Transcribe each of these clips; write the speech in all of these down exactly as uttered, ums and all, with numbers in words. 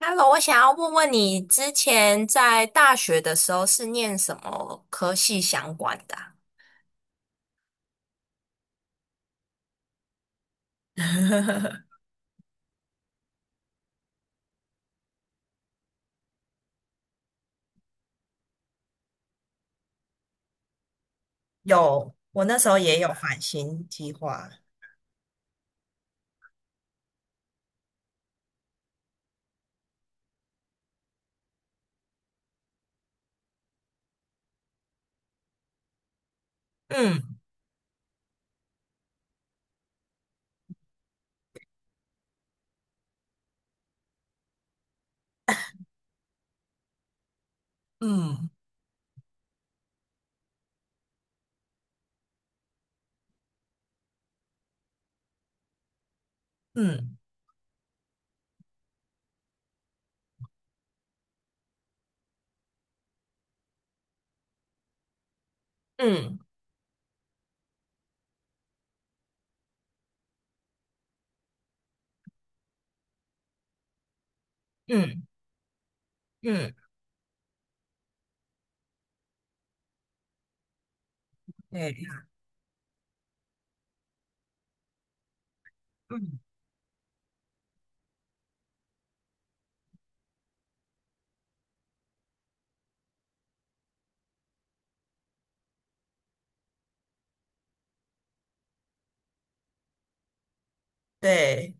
Hello，我想要问问你，之前在大学的时候是念什么科系相关的啊。 有，我那时候也有返新计划。嗯嗯嗯，嗯嗯嗯，对啊嗯，对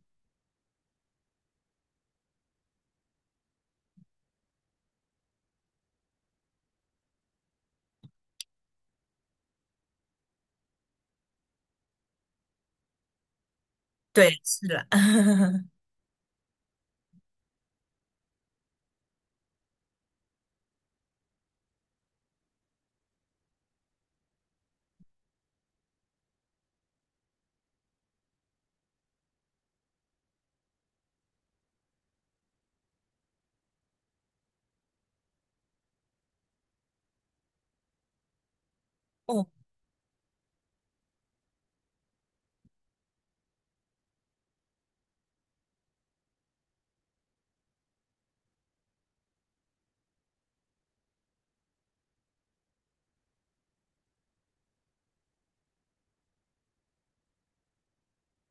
对，是啦。哦，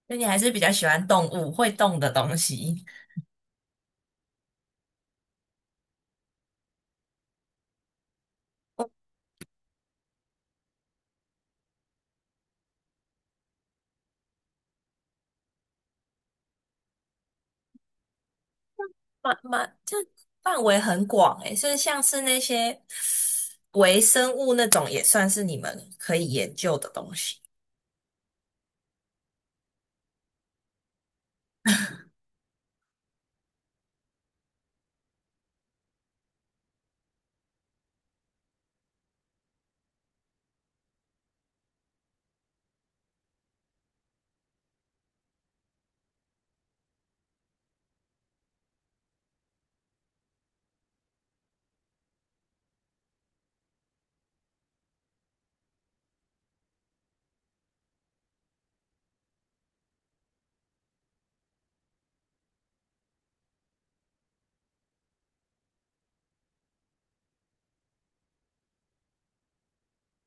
那你还是比较喜欢动物，会动的东西。我蛮蛮，这范围很广诶，所以像是那些微生物那种，也算是你们可以研究的东西。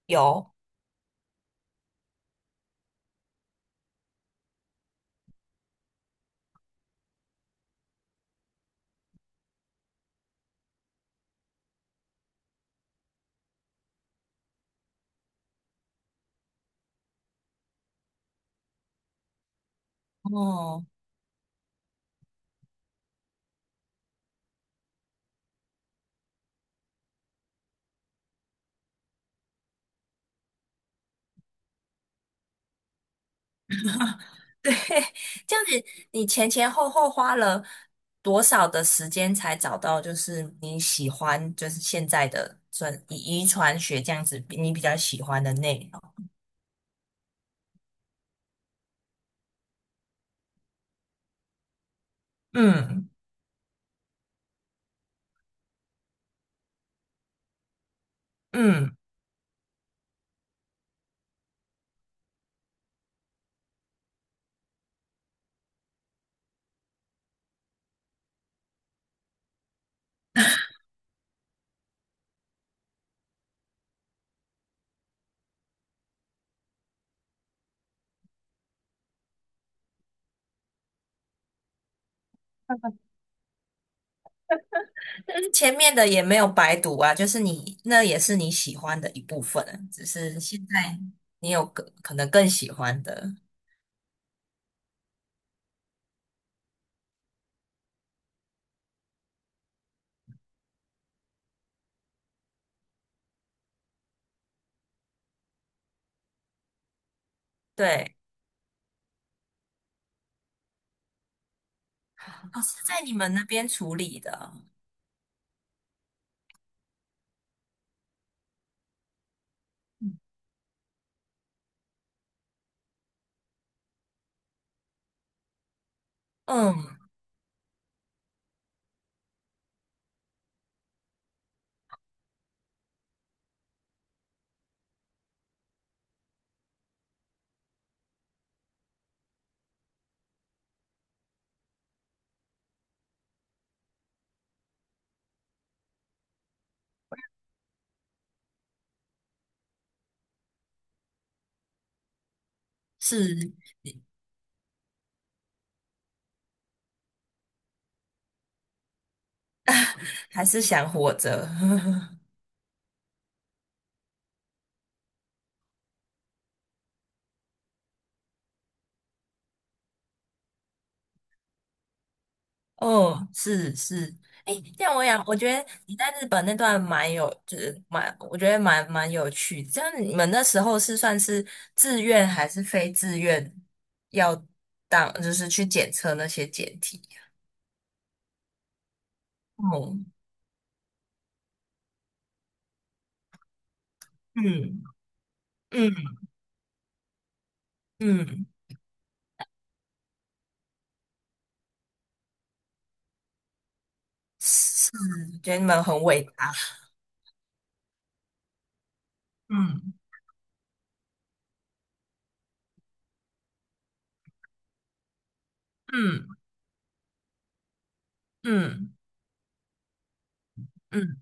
有，哦，对，这样子，你前前后后花了多少的时间才找到，就是你喜欢，就是现在的专以遗传学这样子，你比较喜欢的内容？嗯嗯 但是前面的也没有白读啊，就是你那也是你喜欢的一部分啊，只是现在你有更可能更喜欢的，对，哦，是在你们那边处理的哦，嗯，是，还是想活着。哦，是是，哎，这样我想，我觉得你在日本那段蛮有，就是蛮，我觉得蛮蛮有趣。这样你们那时候是算是自愿还是非自愿要当，就是去检测那些检体？哦，嗯嗯嗯，是，觉得你们很伟大。嗯嗯嗯嗯，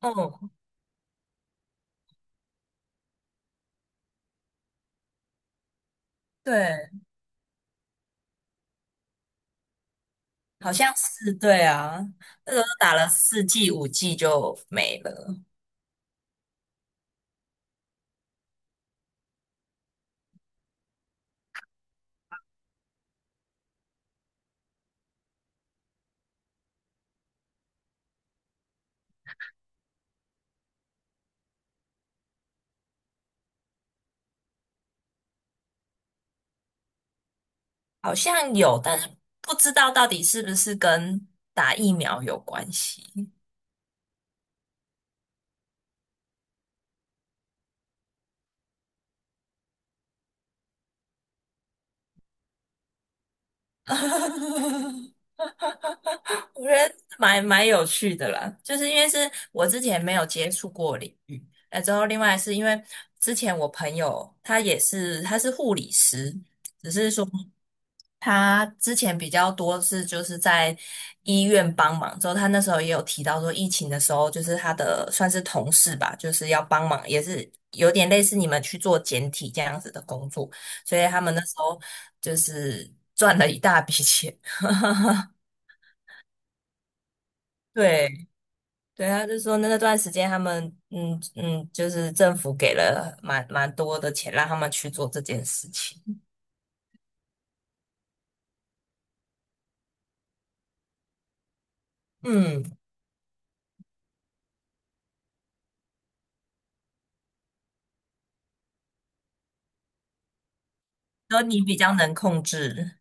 哦，对，好像是对啊，那时候打了四剂五剂就没了。好像有，但是不知道到底是不是跟打疫苗有关系。我觉得蛮蛮有趣的啦，就是因为是我之前没有接触过领域，那之后另外是因为之前我朋友他也是他是护理师，只是说。他之前比较多是就是在医院帮忙，之后他那时候也有提到说，疫情的时候就是他的算是同事吧，就是要帮忙，也是有点类似你们去做简体这样子的工作，所以他们那时候就是赚了一大笔钱。对对，他就说那段时间他们嗯嗯，就是政府给了蛮蛮多的钱让他们去做这件事情。嗯，说你比较能控制。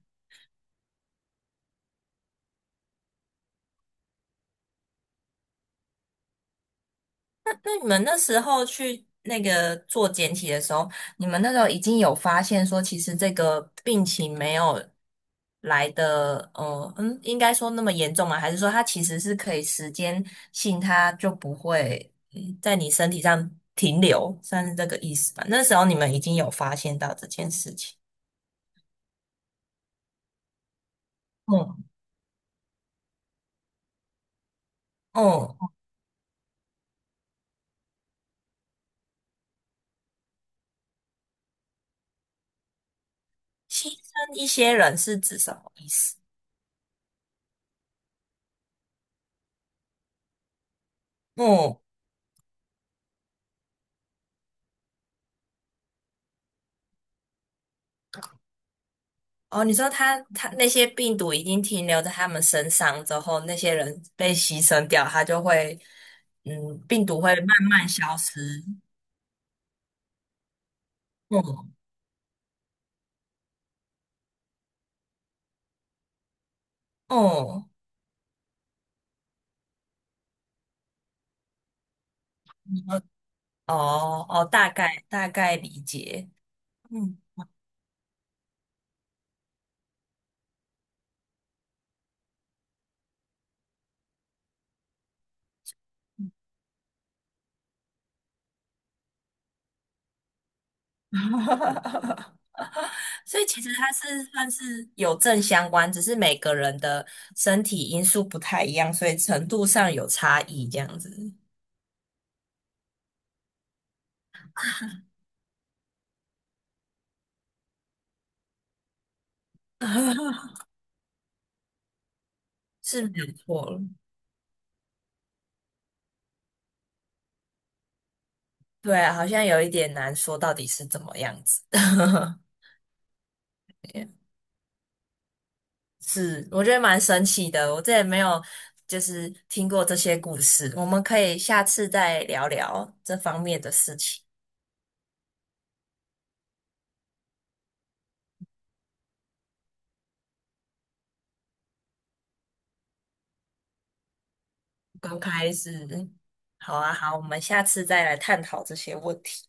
那你们那时候去那个做检体的时候，你们那时候已经有发现说，其实这个病情没有来的，呃，嗯，应该说那么严重吗？还是说它其实是可以时间性，它就不会嗯在你身体上停留，算是这个意思吧？那时候你们已经有发现到这件事情，嗯嗯，牺牲一些人是指什么意思？嗯哦，你说他他那些病毒已经停留在他们身上之后，那些人被牺牲掉，他就会，嗯，病毒会慢慢消失。嗯哦，你说哦哦，大概大概理解。嗯，所以其实它是算是有正相关，只是每个人的身体因素不太一样，所以程度上有差异，这样子 是没有错了。对啊好像有一点难说到底是怎么样子。是，我觉得蛮神奇的，我这也没有就是听过这些故事。我们可以下次再聊聊这方面的事情。刚开始，好啊，好，我们下次再来探讨这些问题。